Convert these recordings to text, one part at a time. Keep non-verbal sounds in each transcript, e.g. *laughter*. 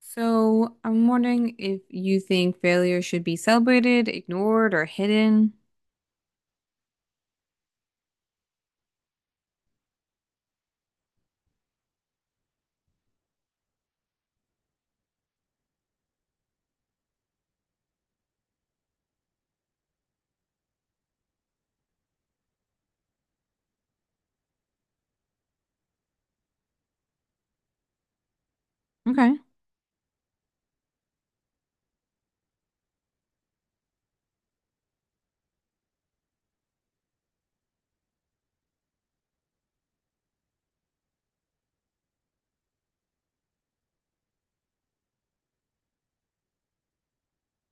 So I'm wondering if you think failure should be celebrated, ignored, or hidden. Okay.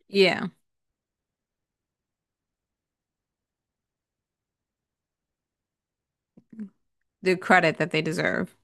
Yeah, the credit that they deserve.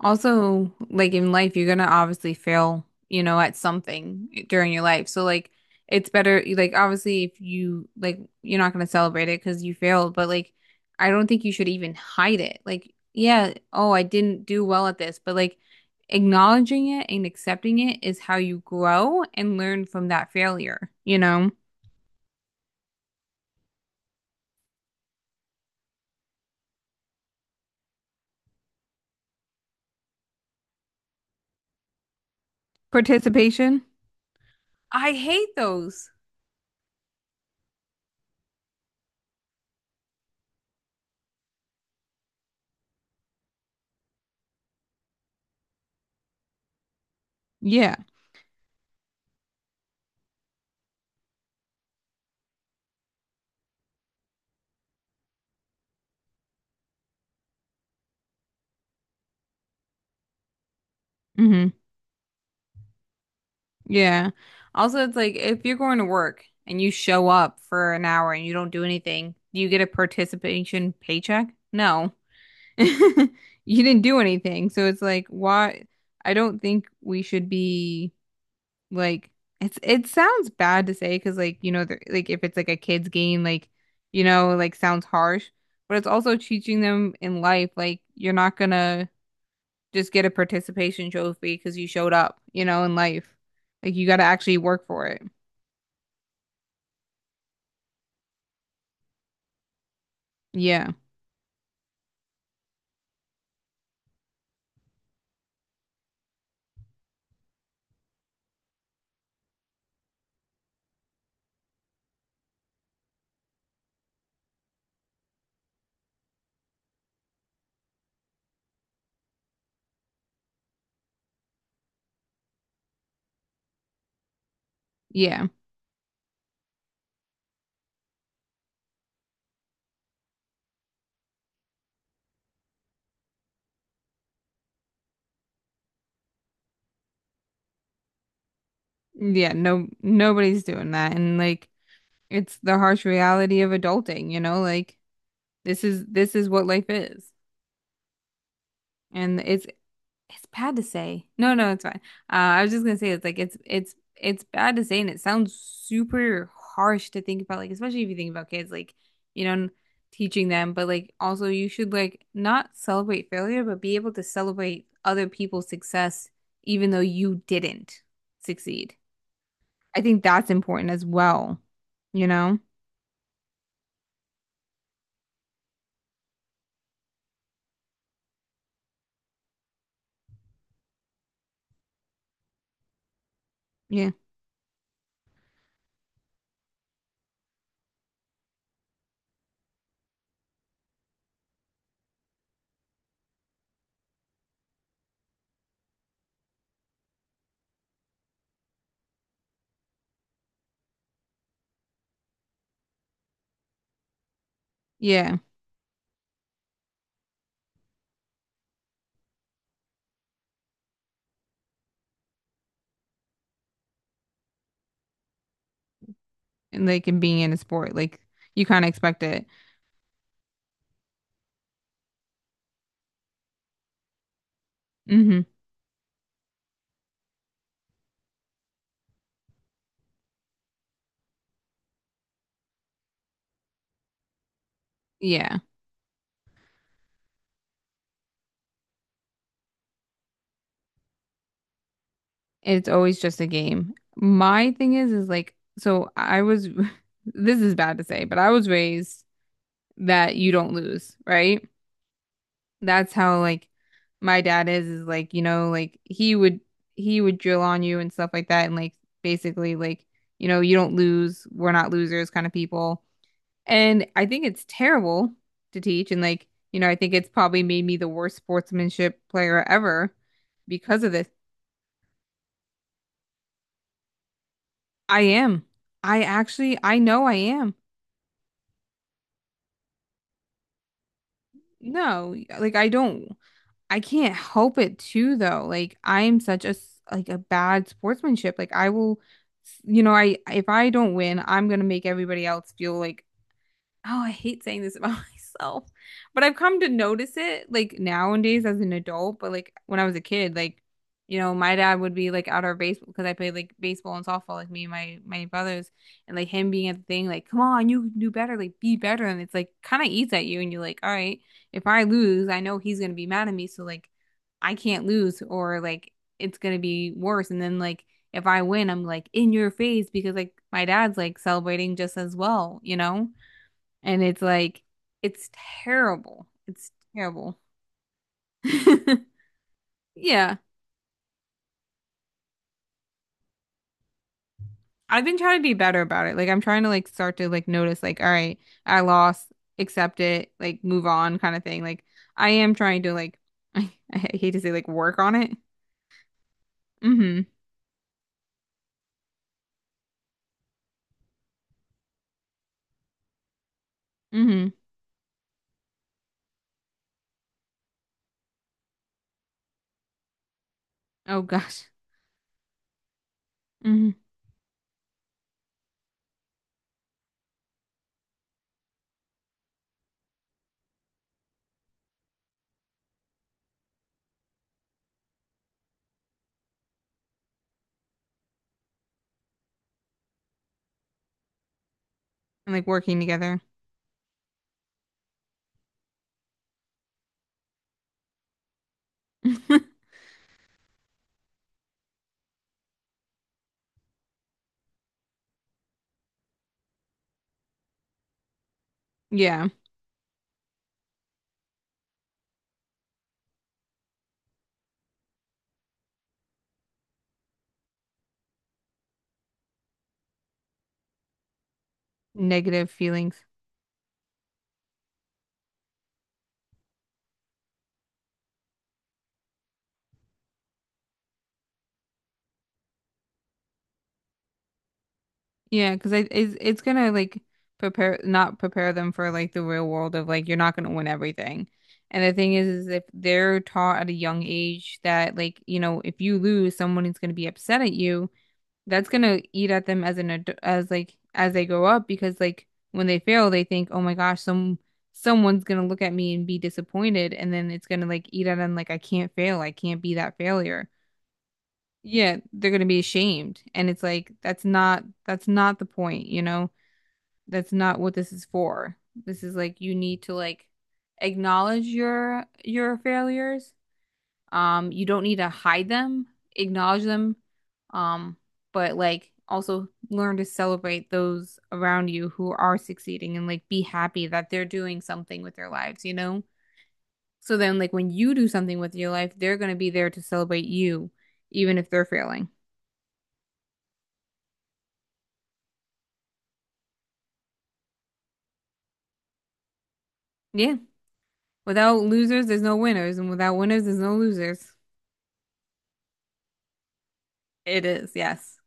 Also, like in life, you're gonna obviously fail, you know, at something during your life. So like it's better like obviously if you like you're not gonna celebrate it because you failed, but like I don't think you should even hide it. Like, yeah, oh, I didn't do well at this, but like acknowledging it and accepting it is how you grow and learn from that failure, you know? Participation? I hate those. Yeah. Hmm. Yeah. Also, it's like if you're going to work and you show up for an hour and you don't do anything, do you get a participation paycheck? No. *laughs* You didn't do anything. So it's like, why? I don't think we should be like it sounds bad to say because, like, you know, they're- like if it's like a kid's game, like, you know, like sounds harsh, but it's also teaching them in life like you're not gonna just get a participation trophy because you showed up, you know, in life. Like you got to actually work for it. Yeah. Yeah. Yeah. No, nobody's doing that. And like, it's the harsh reality of adulting, you know? Like, this is what life is. And it's bad to say. No, no, it's fine. I was just gonna say it's bad to say and it sounds super harsh to think about, like, especially if you think about kids, like, you know, teaching them, but like also you should like not celebrate failure, but be able to celebrate other people's success even though you didn't succeed. I think that's important as well. You know? Yeah. Yeah. And like in being in a sport, like you kind of expect it. Hmm. Yeah. It's always just a game. My thing is like, so I was, *laughs* this is bad to say, but I was raised that you don't lose, right? That's how like my dad is like, you know, like he would drill on you and stuff like that. And like basically, like, you know, you don't lose. We're not losers kind of people. And I think it's terrible to teach. And, like, you know, I think it's probably made me the worst sportsmanship player ever because of this. I am. I actually, I know I am. No, like I don't, I can't help it too, though. Like I'm such a, like a bad sportsmanship. Like I will, you know, if I don't win, I'm gonna make everybody else feel like oh, I hate saying this about *laughs* myself, but I've come to notice it like nowadays as an adult, but like when I was a kid, like, you know, my dad would be like out our baseball because I played like baseball and softball, like me and my brothers, and like him being at the thing, like, come on, you can do better, like be better. And it's like kind of eats at you, and you're like, all right, if I lose, I know he's gonna be mad at me, so like I can't lose, or like it's gonna be worse. And then like if I win, I'm like in your face because like my dad's like celebrating just as well, you know? And it's like, it's terrible. It's terrible. *laughs* Yeah. I've been trying to be better about it. Like I'm trying to like start to like notice like, all right, I lost, accept it, like move on kind of thing. Like I am trying to like *laughs* I hate to say like work on it. Mm-hmm. Mm-hmm. Oh gosh. Mm-hmm. And like working together. *laughs* Yeah. Negative feelings. Yeah, because it's gonna like prepare not prepare them for like the real world of like you're not gonna win everything. And the thing is if they're taught at a young age that like you know if you lose, someone is gonna be upset at you. That's gonna eat at them as an ad as like as they grow up because like when they fail, they think, oh my gosh, someone's gonna look at me and be disappointed, and then it's gonna like eat at them like I can't fail, I can't be that failure. Yeah, they're gonna be ashamed, and it's like that's not the point, you know? That's not what this is for. This is like you need to like acknowledge your failures. You don't need to hide them, acknowledge them. Um, but like also learn to celebrate those around you who are succeeding and like be happy that they're doing something with their lives, you know? So then like when you do something with your life, they're gonna be there to celebrate you, even if they're failing. Yeah. Without losers, there's no winners, and without winners, there's no losers. It is, yes.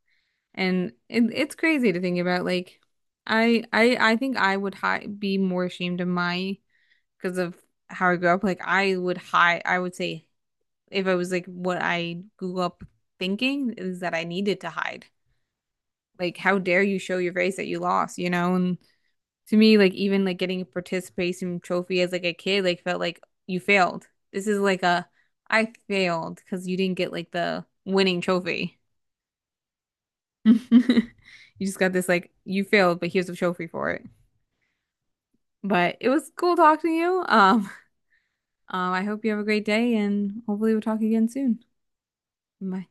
And it's crazy to think about. Like, I think I would hi be more ashamed of my because of how I grew up. Like, I would hide. I would say if I was like what I grew up thinking is that I needed to hide. Like, how dare you show your face that you lost? You know? And to me, like even like getting a participation trophy as like a kid, like felt like you failed. This is like a I failed because you didn't get like the winning trophy. *laughs* You just got this like you failed, but here's a trophy for it. But it was cool talking to you. I hope you have a great day, and hopefully we'll talk again soon. Bye.